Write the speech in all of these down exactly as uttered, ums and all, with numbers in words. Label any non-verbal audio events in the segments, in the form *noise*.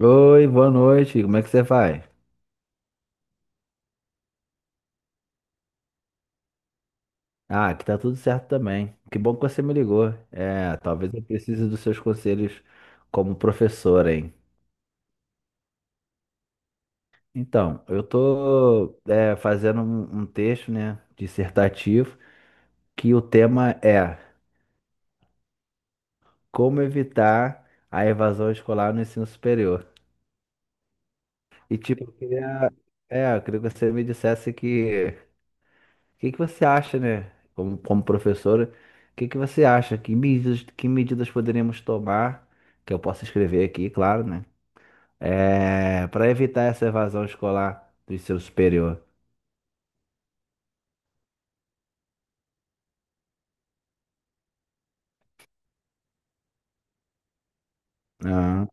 Oi, boa noite. Como é que você vai? Ah, aqui tá tudo certo também. Que bom que você me ligou. É, talvez eu precise dos seus conselhos como professor, hein? Então, eu tô é, fazendo um, um texto, né, dissertativo, que o tema é como evitar a evasão escolar no ensino superior. E tipo, eu queria, é, eu queria que você me dissesse que o que que você acha, né? Como, como professora, o que que você acha? Que medidas, que medidas poderíamos tomar, que eu posso escrever aqui, claro, né? É, para evitar essa evasão escolar do ensino superior. Ah,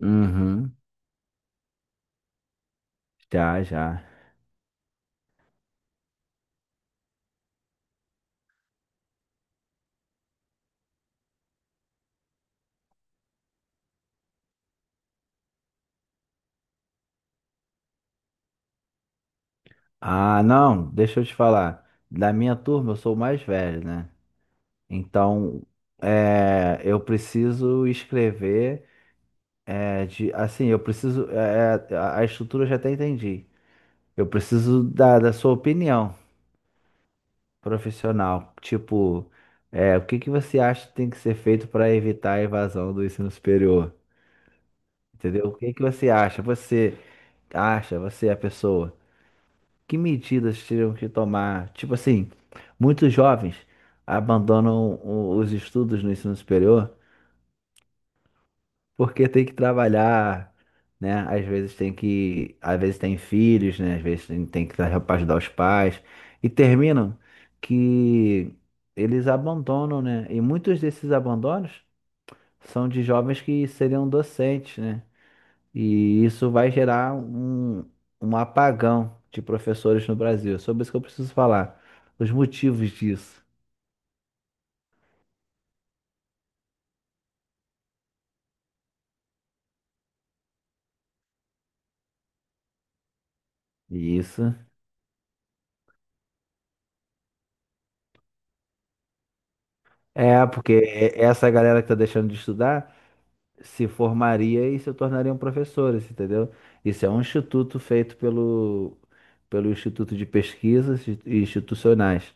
uhum, já, já. Ah, não, deixa eu te falar. Da minha turma, eu sou o mais velho, né? Então, é, eu preciso escrever, é, de, assim, eu preciso, é, é, a a estrutura eu já até entendi. Eu preciso da, da sua opinião profissional. Tipo, é, o que que você acha que tem que ser feito para evitar a evasão do ensino superior? Entendeu? O que que você acha? Você acha, você é a pessoa. Que medidas teriam que tomar? Tipo assim, muitos jovens abandonam o- os estudos no ensino superior, porque tem que trabalhar, né? Às vezes tem que, às vezes tem filhos, né? Às vezes tem, tem que tra- ajudar os pais. E terminam que eles abandonam, né? E muitos desses abandonos são de jovens que seriam docentes, né? E isso vai gerar um, um apagão de professores no Brasil. É sobre isso que eu preciso falar. Os motivos disso. E isso. É, porque essa galera que tá deixando de estudar se formaria e se tornariam professores, entendeu? Isso é um instituto feito pelo, pelo Instituto de Pesquisas Institucionais.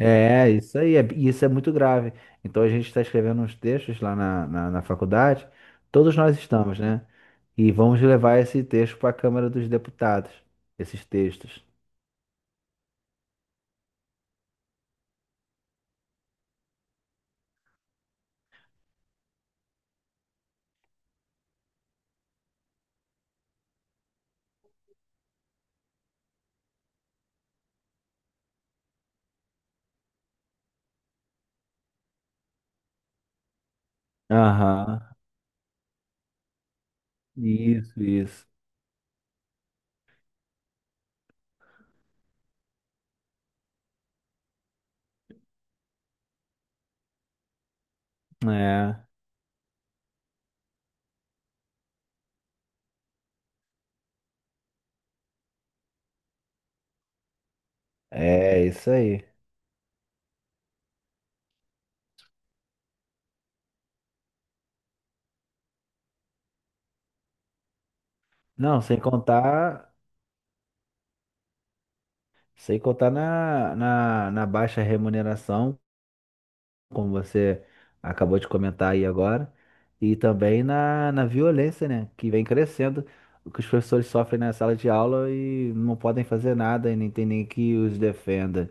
É, isso aí, é, e isso é muito grave. Então a gente está escrevendo uns textos lá na, na, na faculdade, todos nós estamos, né? E vamos levar esse texto para a Câmara dos Deputados, esses textos. Aham, isso, isso. É, é isso aí. Não, sem contar. Sem contar na, na, na baixa remuneração, como você acabou de comentar aí agora, e também na, na violência, né? Que vem crescendo, o que os professores sofrem na sala de aula e não podem fazer nada e nem tem nem que os defenda.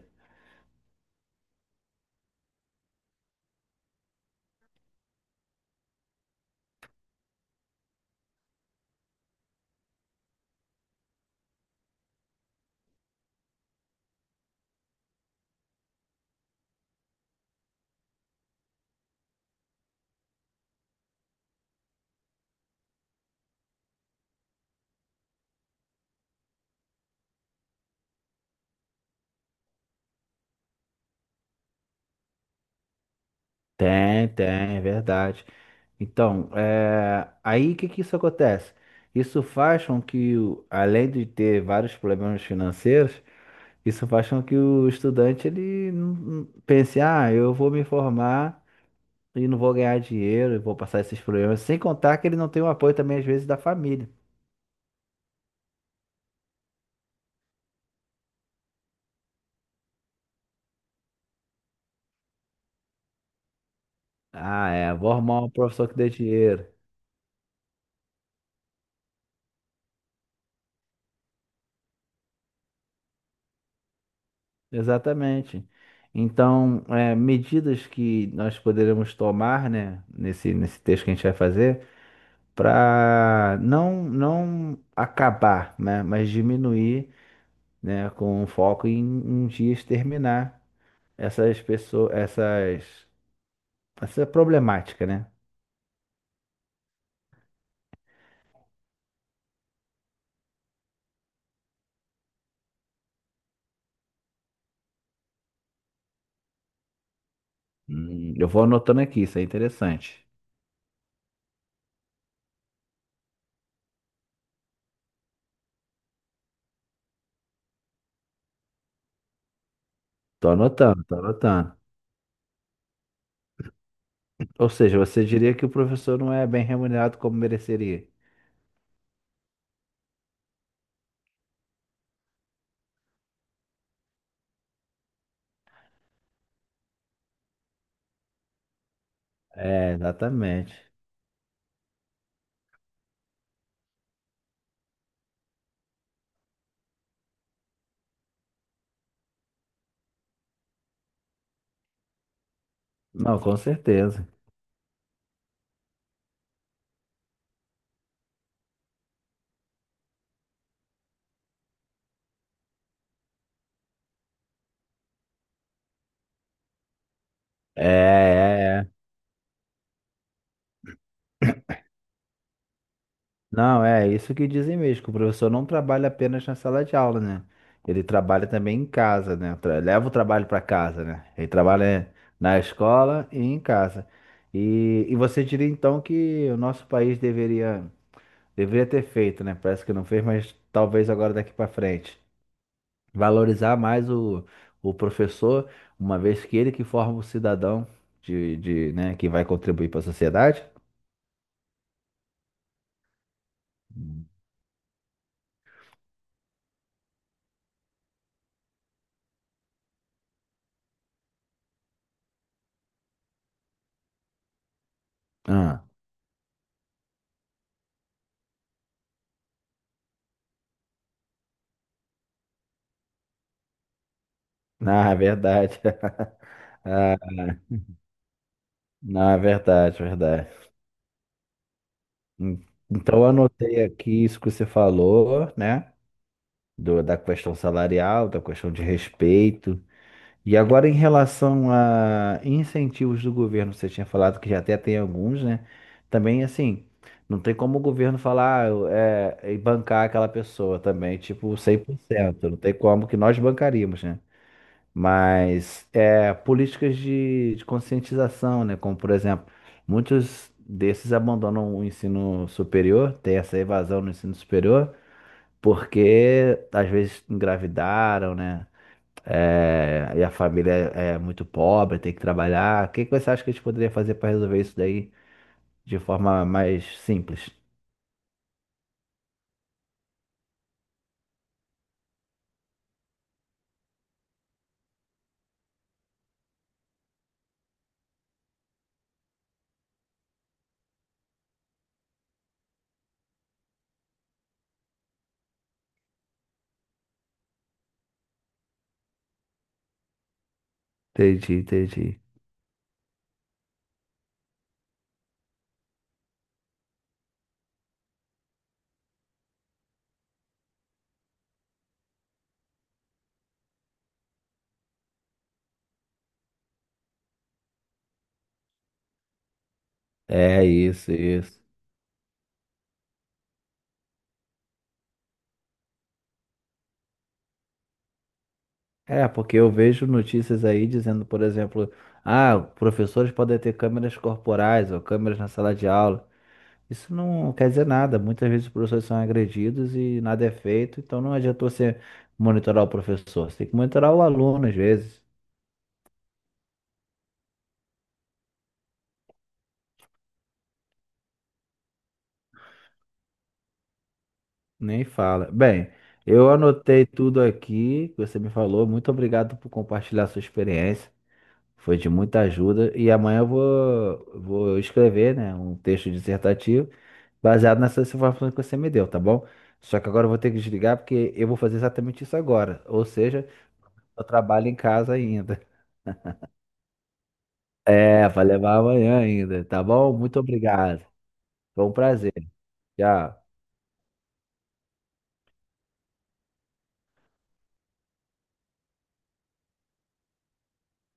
Tem, tem, é verdade. Então, é, aí o que que isso acontece? Isso faz com que, o- além de ter vários problemas financeiros, isso faz com que o estudante ele não- não pense, ah, eu vou me formar e não vou ganhar dinheiro, eu vou passar esses problemas. Sem contar que ele não tem o apoio também, às vezes, da família. Ah, é, vou arrumar um professor que dê dinheiro. Exatamente. Então, é, medidas que nós poderemos tomar, né, nesse, nesse texto que a gente vai fazer, para não, não acabar, né, mas diminuir, né, com foco em um dia exterminar essas pessoas, essas. Essa é problemática, né? Hum, eu vou anotando aqui, isso é interessante. Tô anotando, tô anotando. Ou seja, você diria que o professor não é bem remunerado como mereceria. É, exatamente. Não, com certeza. É, é, é. Não, é isso que dizem mesmo, que o professor não trabalha apenas na sala de aula, né? Ele trabalha também em casa, né? Tra- Leva o trabalho para casa, né? Ele trabalha na escola e em casa. E, e você diria então que o nosso país deveria. Deveria ter feito, né? Parece que não fez, mas talvez agora daqui para frente. Valorizar mais o, o professor, uma vez que ele que forma o cidadão de, de, né, que vai contribuir para a sociedade. Ah, na verdade. *laughs* Ah, na verdade, verdade. Hum, Então, eu anotei aqui isso que você falou, né? Do, da questão salarial, da questão de respeito. E agora, em relação a incentivos do governo, você tinha falado que já até tem alguns, né? Também, assim, não tem como o governo falar, ah, é, e bancar aquela pessoa também, tipo, cem por cento. Não tem como que nós bancaríamos, né? Mas é, políticas de, de conscientização, né? Como, por exemplo, muitos desses abandonam o ensino superior, tem essa evasão no ensino superior, porque às vezes engravidaram, né? É, e a família é é muito pobre, tem que trabalhar. O que que você acha que a gente poderia fazer para resolver isso daí de forma mais simples? Entendi, entendi. É isso, isso. É, porque eu vejo notícias aí dizendo, por exemplo, ah, professores podem ter câmeras corporais ou câmeras na sala de aula. Isso não quer dizer nada. Muitas vezes os professores são agredidos e nada é feito, então não adiantou você monitorar o professor. Você tem que monitorar o aluno às vezes. Nem fala. Bem, eu anotei tudo aqui que você me falou. Muito obrigado por compartilhar sua experiência. Foi de muita ajuda. E amanhã eu vou, vou escrever, né, um texto dissertativo baseado nessas informações que você me deu, tá bom? Só que agora eu vou ter que desligar porque eu vou fazer exatamente isso agora. Ou seja, eu trabalho em casa ainda. É, vai levar amanhã ainda, tá bom? Muito obrigado. Foi um prazer. Tchau.